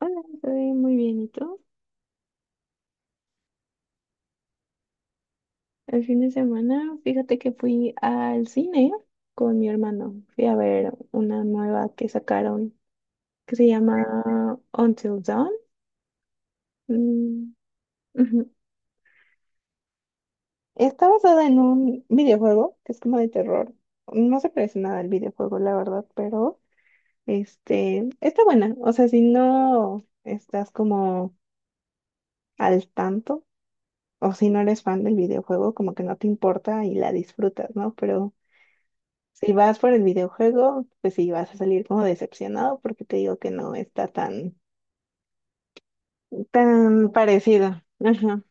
Hola, estoy muy bien, ¿y tú? El fin de semana, fíjate que fui al cine con mi hermano. Fui a ver una nueva que sacaron que se llama Until Dawn. Mm, ujú. Está basada en un videojuego que es como de terror. No se parece nada al videojuego, la verdad, pero está buena. O sea, si no estás como al tanto o si no eres fan del videojuego, como que no te importa y la disfrutas, ¿no? Pero si vas por el videojuego, pues sí vas a salir como decepcionado porque te digo que no está tan parecido. Ajá.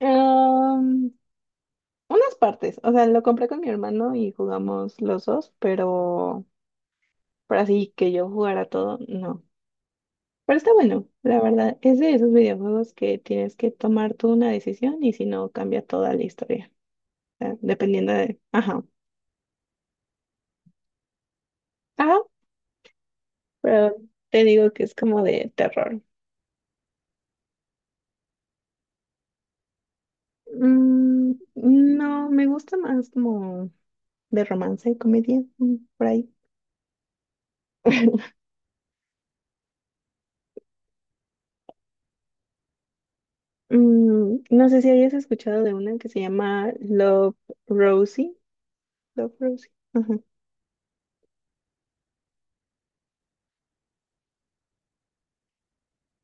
Am, Unas partes, o sea, lo compré con mi hermano y jugamos los dos, pero por así que yo jugara todo, no. Pero está bueno, la verdad, es de esos videojuegos que tienes que tomar tú una decisión y si no, cambia toda la historia, o sea, dependiendo de... Ajá, ajá, pero te digo que es como de terror. Mm, no, me gusta más como de romance y comedia, mm, por ahí. Mm, no sé si hayas escuchado de una que se llama Love Rosie. Love Rosie. Ajá.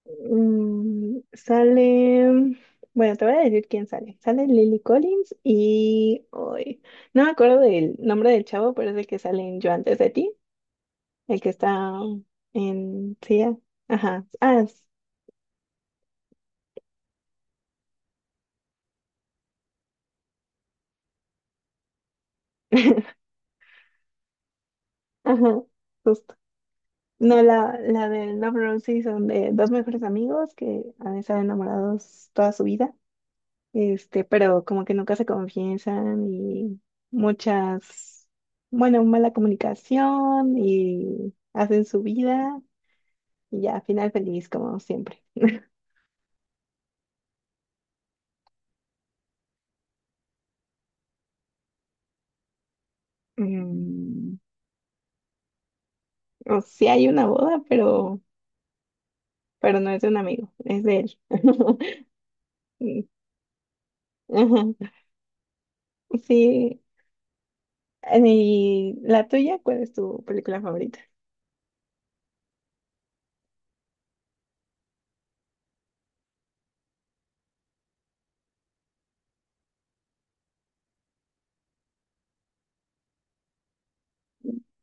Mm, sale, bueno, te voy a decir quién sale. Sale Lily Collins y hoy no me acuerdo del nombre del chavo, pero es el que sale en Yo antes de ti, el que está en sí, ah, ajá. Ajá, justo. No, la de Love Rosie son de dos mejores amigos que han estado enamorados toda su vida, pero como que nunca se confiesan y muchas, bueno, mala comunicación y hacen su vida y ya, final feliz como siempre. Mm, o sí hay una boda, pero no es de un amigo, es de él. Mm, ajá. Sí, y la tuya, ¿cuál es tu película favorita?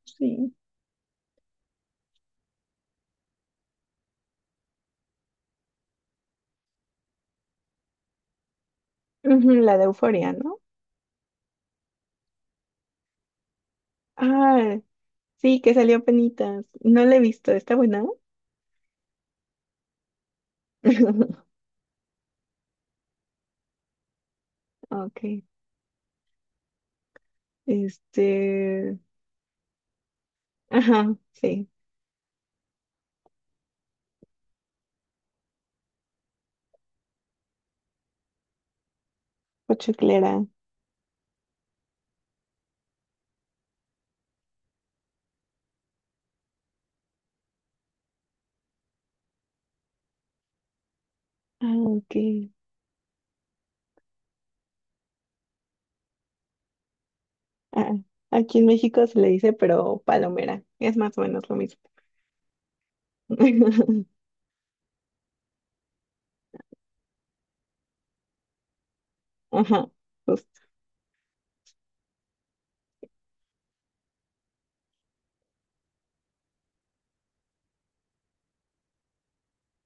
Sí. Ujú, la de Euforia, ¿no? Ah, sí, que salió penitas. No la he visto, ¿está buena? Ok. Este. Ajá, sí. Pochoclera. Ah, ok. Ah, aquí en México se le dice, pero palomera. Es más o menos lo mismo. Ajá, justo.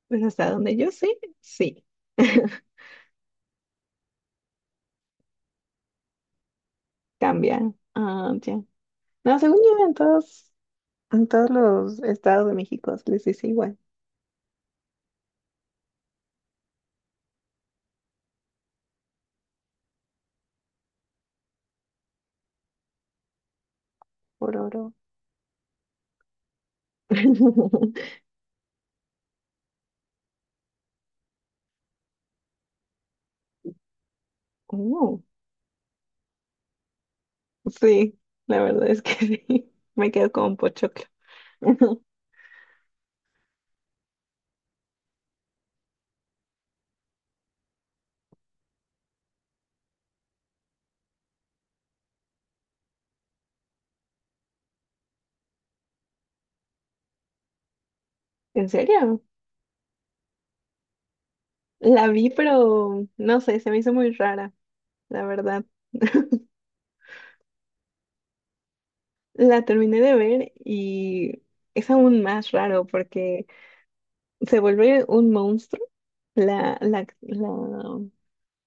Pues hasta donde yo sé, sí. Cambia. Ah, ya. No, según yo, en todos los estados de México se les dice igual. Por oro. Oh. Sí, la verdad es que sí. Me quedo como un pochoclo. ¿En serio? La vi, pero no sé, se me hizo muy rara, la verdad. La terminé de ver y es aún más raro porque se vuelve un monstruo. La, la, la,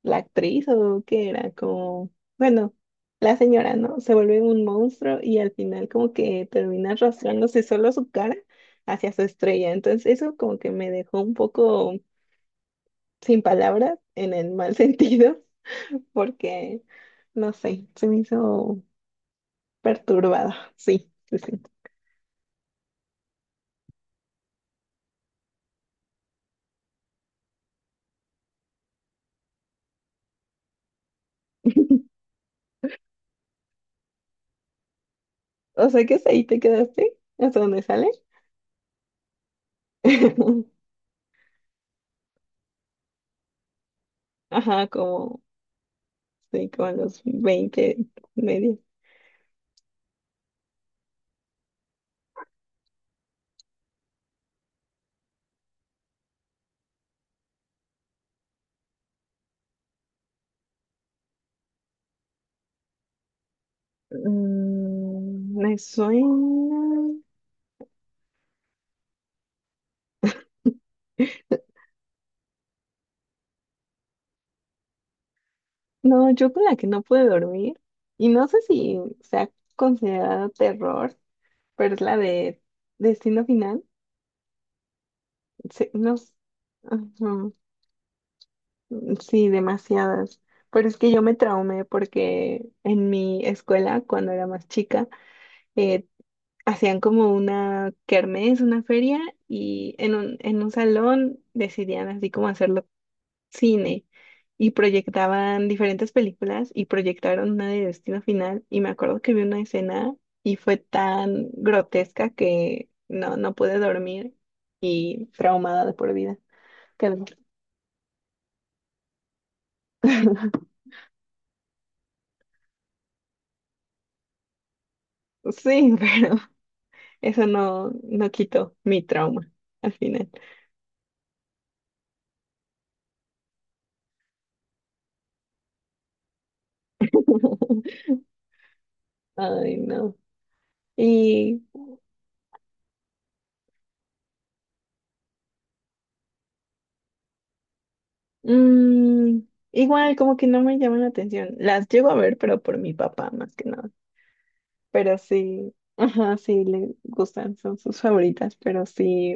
la actriz o qué era, como, bueno, la señora, ¿no? Se vuelve un monstruo y al final como que termina arrastrándose solo su cara hacia su estrella. Entonces eso como que me dejó un poco... sin palabras, en el mal sentido, porque, no sé, se me hizo perturbada. Sí, sí, sí. O sea que hasta ahí te quedaste, hasta dónde sale. Ajá, como, sí, como a los 20 medio. Mm, me suena. No, yo con la que no pude dormir, y no sé si sea considerada terror, pero es la de Destino Final. Sí, no, s- ajá. Sí, demasiadas. Pero es que yo me traumé porque en mi escuela, cuando era más chica, eh, hacían como una kermés, una feria, y en en un salón decidían así como hacerlo cine y proyectaban diferentes películas y proyectaron una de Destino Final y me acuerdo que vi una escena y fue tan grotesca que no pude dormir y traumada de por vida. Quedé. Sí, pero eso no quitó mi trauma al final. Ay, no. Y mm, igual como que no me llaman la atención. Las llego a ver, pero por mi papá más que nada. Pero sí, ajá, sí le gustan, son sus favoritas, pero sí.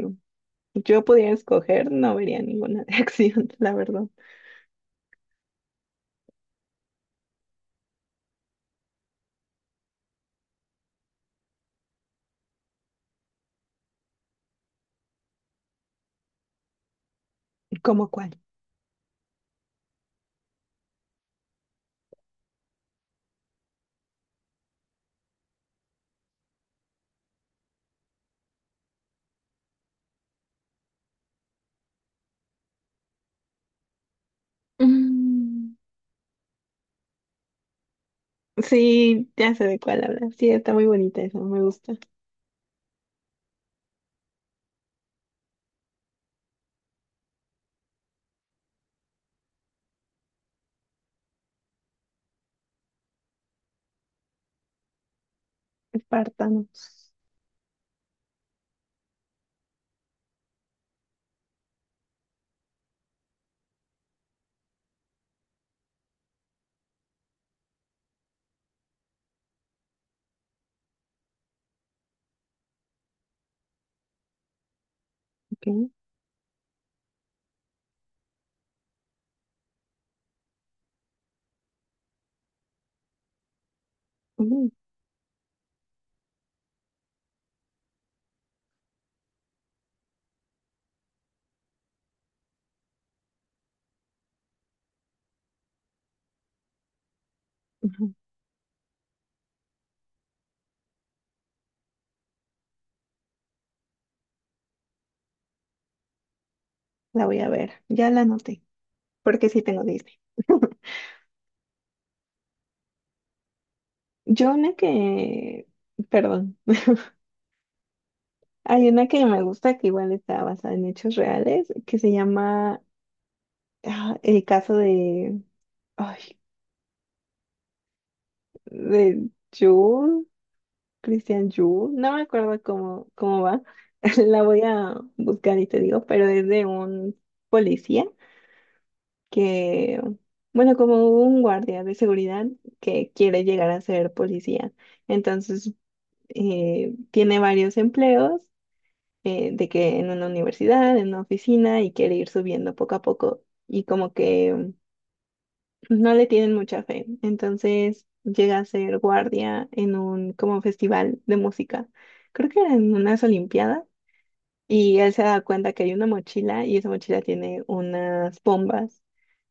Yo pudiera escoger, no vería ninguna de acción, la verdad. ¿Cómo cuál? Mm, sí, ya sé de cuál habla. Sí, está muy bonita esa, me gusta. Espartanos. Ok. Mm, ujú. La voy a ver, ya la anoté, porque sí tengo Disney. Yo una que, perdón, hay una que me gusta que igual está basada en hechos reales, que se llama El caso de, ay, de Jules, Christian Jules, no me acuerdo cómo va, la voy a buscar y te digo, pero es de un policía que, bueno, como un guardia de seguridad que quiere llegar a ser policía. Entonces tiene varios empleos, de que en una universidad, en una oficina y quiere ir subiendo poco a poco y como que no le tienen mucha fe. Entonces llega a ser guardia en un como festival de música. Creo que era en unas olimpiadas y él se da cuenta que hay una mochila y esa mochila tiene unas bombas.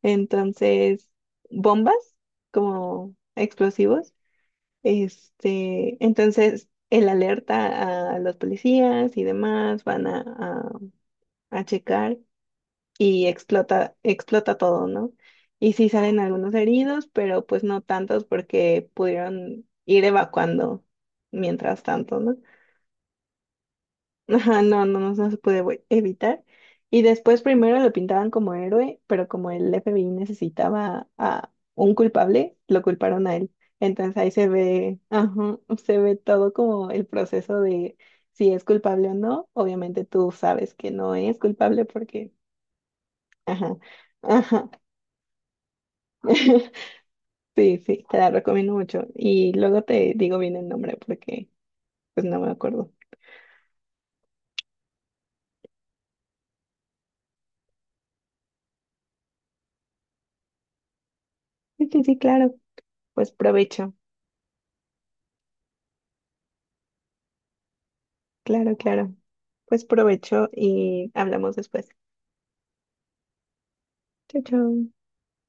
Entonces, bombas como explosivos entonces, el alerta a los policías y demás van a, a checar y explota, explota todo, ¿no? Y sí salen algunos heridos, pero pues no tantos porque pudieron ir evacuando mientras tanto, ¿no? Ajá, no, no, no, no se puede evitar. Y después primero lo pintaban como héroe, pero como el FBI necesitaba a un culpable, lo culparon a él. Entonces ahí se ve, ajá, se ve todo como el proceso de si es culpable o no. Obviamente tú sabes que no es culpable porque, ajá, ajá. Sí, sí, te la recomiendo mucho. Y luego te digo bien el nombre porque pues no me acuerdo. Sí, sí, sí, claro, pues provecho. Claro, claro. Pues provecho y hablamos después. Chau, chau.